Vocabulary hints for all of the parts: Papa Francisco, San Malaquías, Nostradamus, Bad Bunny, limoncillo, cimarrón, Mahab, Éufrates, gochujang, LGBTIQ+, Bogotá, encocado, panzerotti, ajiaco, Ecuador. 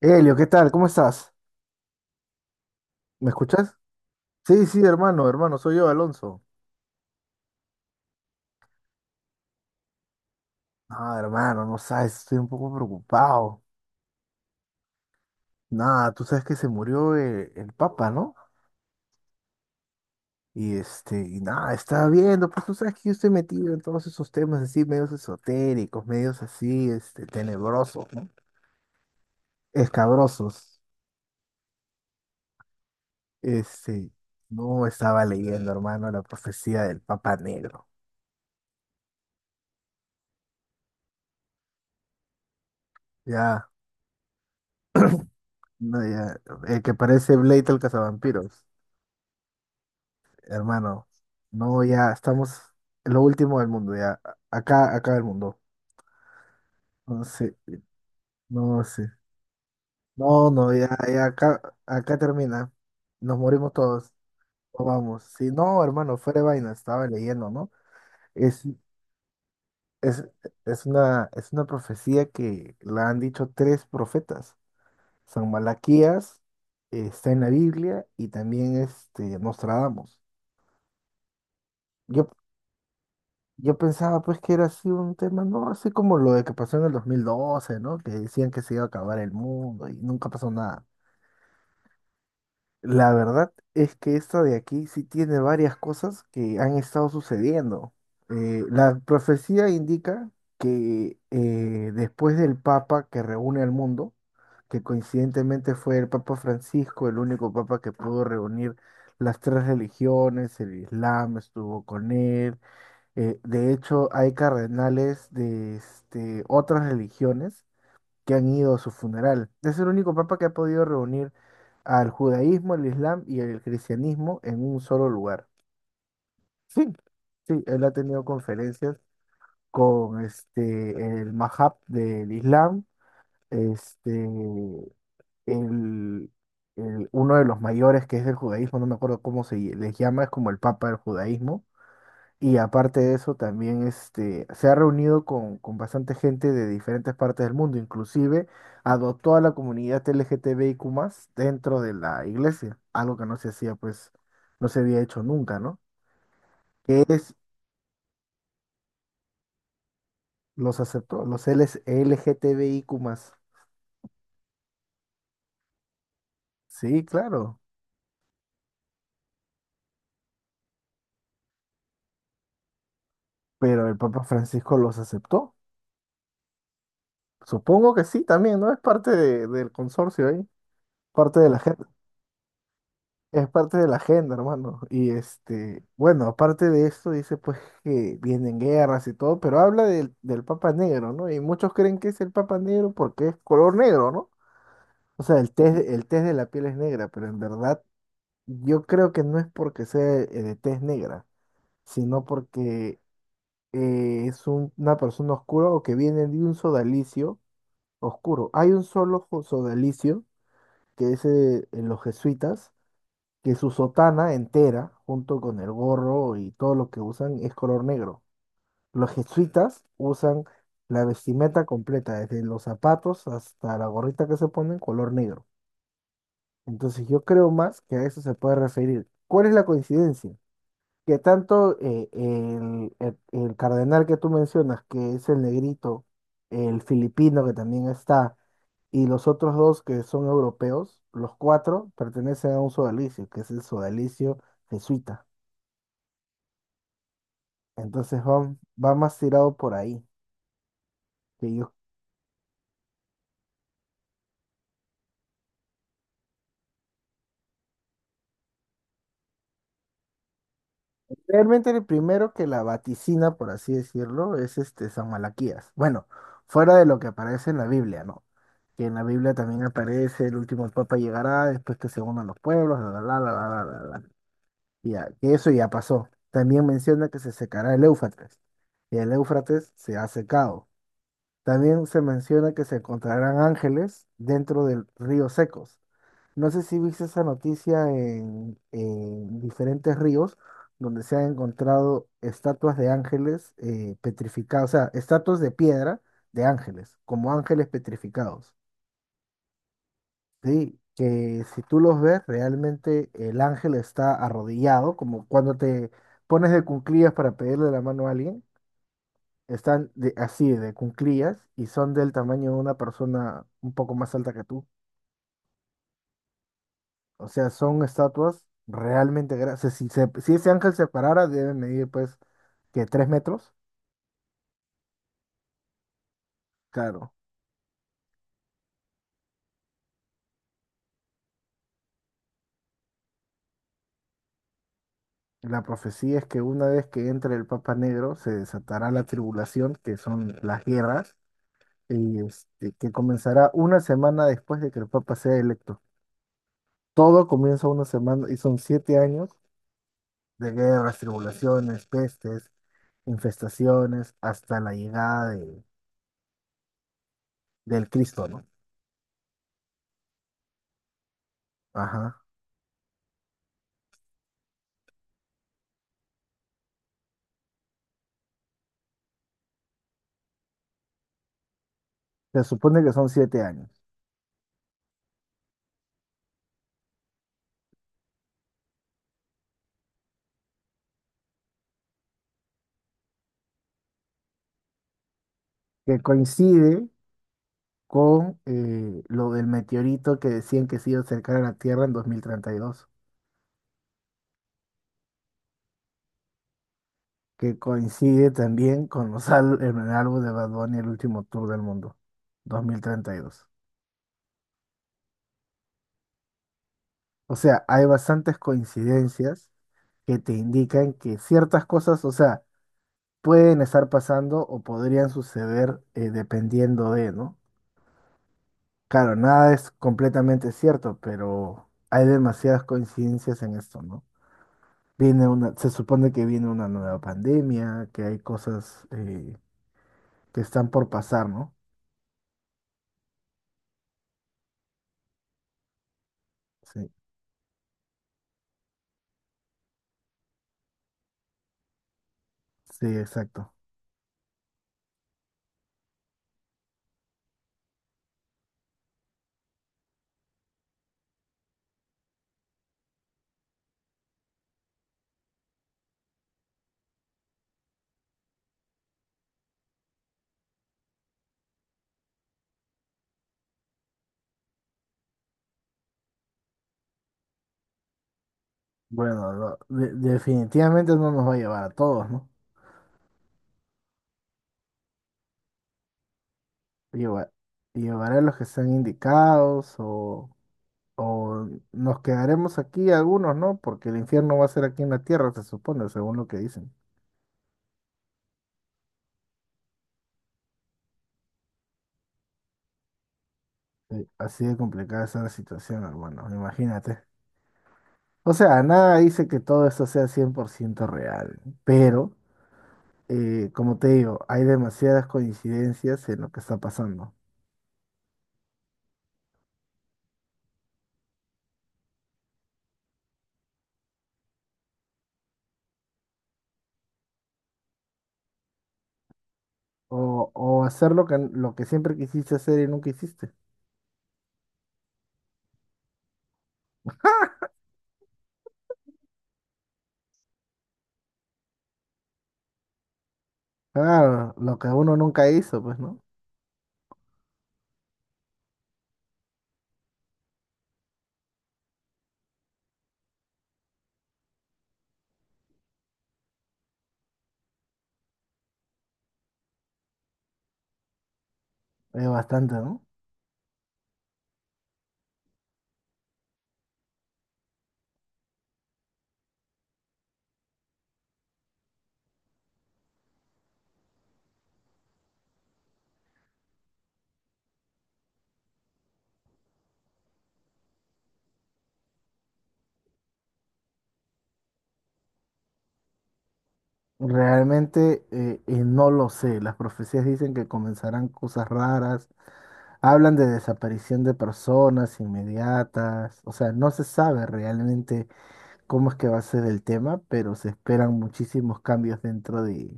Elio, ¿qué tal? ¿Cómo estás? ¿Me escuchas? Sí, sí, hermano, hermano, soy yo, Alonso. Ah, hermano, no sabes, estoy un poco preocupado. Nada, tú sabes que se murió el Papa, ¿no? Y nada, estaba viendo, pues tú sabes que yo estoy metido en todos esos temas así, medios esotéricos, medios así, tenebrosos, ¿no? Escabrosos. Este, no estaba leyendo, hermano, la profecía del Papa Negro. Ya, no, ya, el que parece Blade el cazavampiros. Hermano, no, ya estamos en lo último del mundo, ya. Acá, acá el mundo. No sé, no sé. No, no, ya, ya, acá, acá termina. Nos morimos todos. No vamos. Si no, hermano, fuera de vaina, estaba leyendo, ¿no? Es, es, es una profecía que la han dicho tres profetas. San Malaquías, está en la Biblia y también Nostradamus. Yo, Yo pensaba pues que era así un tema, ¿no? Así como lo de que pasó en el 2012, ¿no? Que decían que se iba a acabar el mundo y nunca pasó nada. La verdad es que esta de aquí sí tiene varias cosas que han estado sucediendo. La profecía indica que después del Papa que reúne al mundo, que coincidentemente fue el Papa Francisco, el único Papa que pudo reunir las tres religiones. El Islam estuvo con él, de hecho, hay cardenales de otras religiones que han ido a su funeral. Es el único papa que ha podido reunir al judaísmo, el islam y el cristianismo en un solo lugar. Sí, sí, él ha tenido conferencias con el Mahab del Islam, este, el, uno de los mayores que es del judaísmo. No me acuerdo cómo se les llama, es como el papa del judaísmo. Y aparte de eso, también se ha reunido con bastante gente de diferentes partes del mundo, inclusive adoptó a la comunidad LGTBIQ+, dentro de la iglesia, algo que no se hacía, pues, no se había hecho nunca, ¿no? Que es, los aceptó, los LS LGTBIQ+. Sí, claro, pero el Papa Francisco los aceptó. Supongo que sí, también, ¿no? Es parte del consorcio ahí, parte de la gente. Es parte de la agenda, hermano. Y bueno, aparte de esto, dice pues que vienen guerras y todo, pero habla del Papa Negro, ¿no? Y muchos creen que es el Papa Negro porque es color negro, ¿no? O sea, el test de la piel es negra, pero en verdad yo creo que no es porque sea de tez negra, sino porque es una persona oscura o que viene de un sodalicio oscuro. Hay un solo sodalicio que es, en los jesuitas, que su sotana entera, junto con el gorro y todo lo que usan, es color negro. Los jesuitas usan la vestimenta completa, desde los zapatos hasta la gorrita que se ponen, color negro. Entonces yo creo más que a eso se puede referir. ¿Cuál es la coincidencia? Que tanto el cardenal que tú mencionas, que es el negrito, el filipino que también está, y los otros dos que son europeos, los cuatro pertenecen a un sodalicio, que es el sodalicio jesuita. Entonces va más tirado por ahí. Que yo, realmente el primero que la vaticina, por así decirlo, es este San Malaquías. Bueno, fuera de lo que aparece en la Biblia, ¿no? Que en la Biblia también aparece: el último papa llegará, después que se unan los pueblos, la, la, la, la, la, la, la, la. Ya, que eso ya pasó. También menciona que se secará el Éufrates, y el Éufrates se ha secado. También se menciona que se encontrarán ángeles dentro del río secos. No sé si viste esa noticia en diferentes ríos donde se han encontrado estatuas de ángeles petrificados, o sea, estatuas de piedra de ángeles, como ángeles petrificados. Sí, que si tú los ves, realmente el ángel está arrodillado, como cuando te pones de cuclillas para pedirle la mano a alguien. Están así de cuclillas, y son del tamaño de una persona un poco más alta que tú. O sea, son estatuas realmente grandes. Si ese ángel se parara, debe medir pues que 3 metros. Claro. La profecía es que una vez que entre el Papa Negro se desatará la tribulación, que son las guerras, y que comenzará una semana después de que el Papa sea electo. Todo comienza una semana, y son 7 años de guerras, tribulaciones, pestes, infestaciones, hasta la llegada del Cristo, ¿no? Ajá. Se supone que son 7 años. Que coincide con lo del meteorito que decían que se iba a acercar a la Tierra en 2032, que coincide también con el álbum de Bad Bunny, el último tour del mundo, 2032. O sea, hay bastantes coincidencias que te indican que ciertas cosas, o sea, pueden estar pasando o podrían suceder, dependiendo de, ¿no? Claro, nada es completamente cierto, pero hay demasiadas coincidencias en esto, ¿no? Se supone que viene una nueva pandemia, que hay cosas, que están por pasar, ¿no? Sí, sí, exacto. Bueno, definitivamente no nos va a llevar a todos, ¿no? Lleva- llevará a los que están indicados, o o nos quedaremos aquí algunos, ¿no? Porque el infierno va a ser aquí en la tierra, se supone, según lo que dicen. Sí, así de complicada está la situación, hermano, imagínate. O sea, nada dice que todo esto sea 100% real, pero... Como te digo, hay demasiadas coincidencias en lo que está pasando. O hacer lo que, siempre quisiste hacer y nunca hiciste. Claro, lo que uno nunca hizo, pues, ¿no? Es bastante, ¿no? Realmente, no lo sé. Las profecías dicen que comenzarán cosas raras. Hablan de desaparición de personas inmediatas. O sea, no se sabe realmente cómo es que va a ser el tema, pero se esperan muchísimos cambios dentro de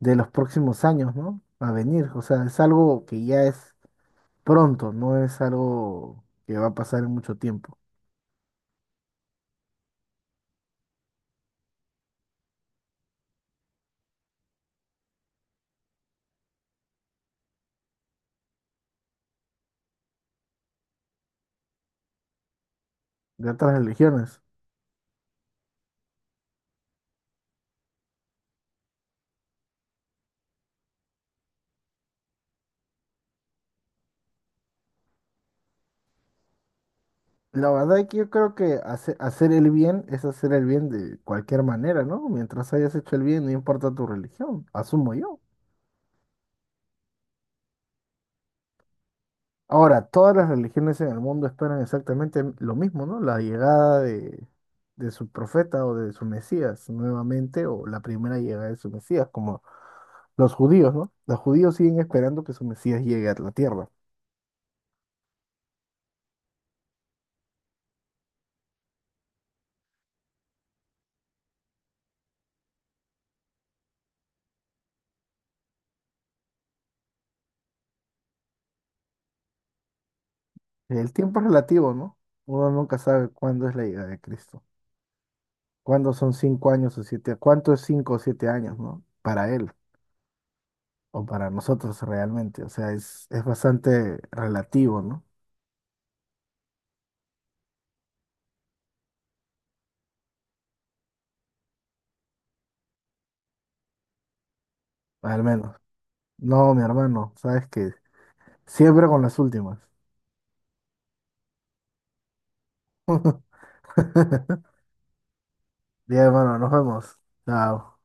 los próximos años, ¿no? A venir. O sea, es algo que ya es pronto, no es algo que va a pasar en mucho tiempo. De otras religiones. La verdad es que yo creo que hacer el bien es hacer el bien de cualquier manera, ¿no? Mientras hayas hecho el bien, no importa tu religión, asumo yo. Ahora, todas las religiones en el mundo esperan exactamente lo mismo, ¿no? La llegada de, su profeta, o de su Mesías nuevamente, o la primera llegada de su Mesías, como los judíos, ¿no? Los judíos siguen esperando que su Mesías llegue a la tierra. El tiempo es relativo, ¿no? Uno nunca sabe cuándo es la llegada de Cristo. ¿Cuándo son 5 años o 7? ¿Cuánto es 5 o 7 años? ¿No? Para él o para nosotros realmente. O sea, es bastante relativo, ¿no? Al menos. No, mi hermano, sabes que... siempre con las últimas. Bien, hermano, nos vemos. Chao.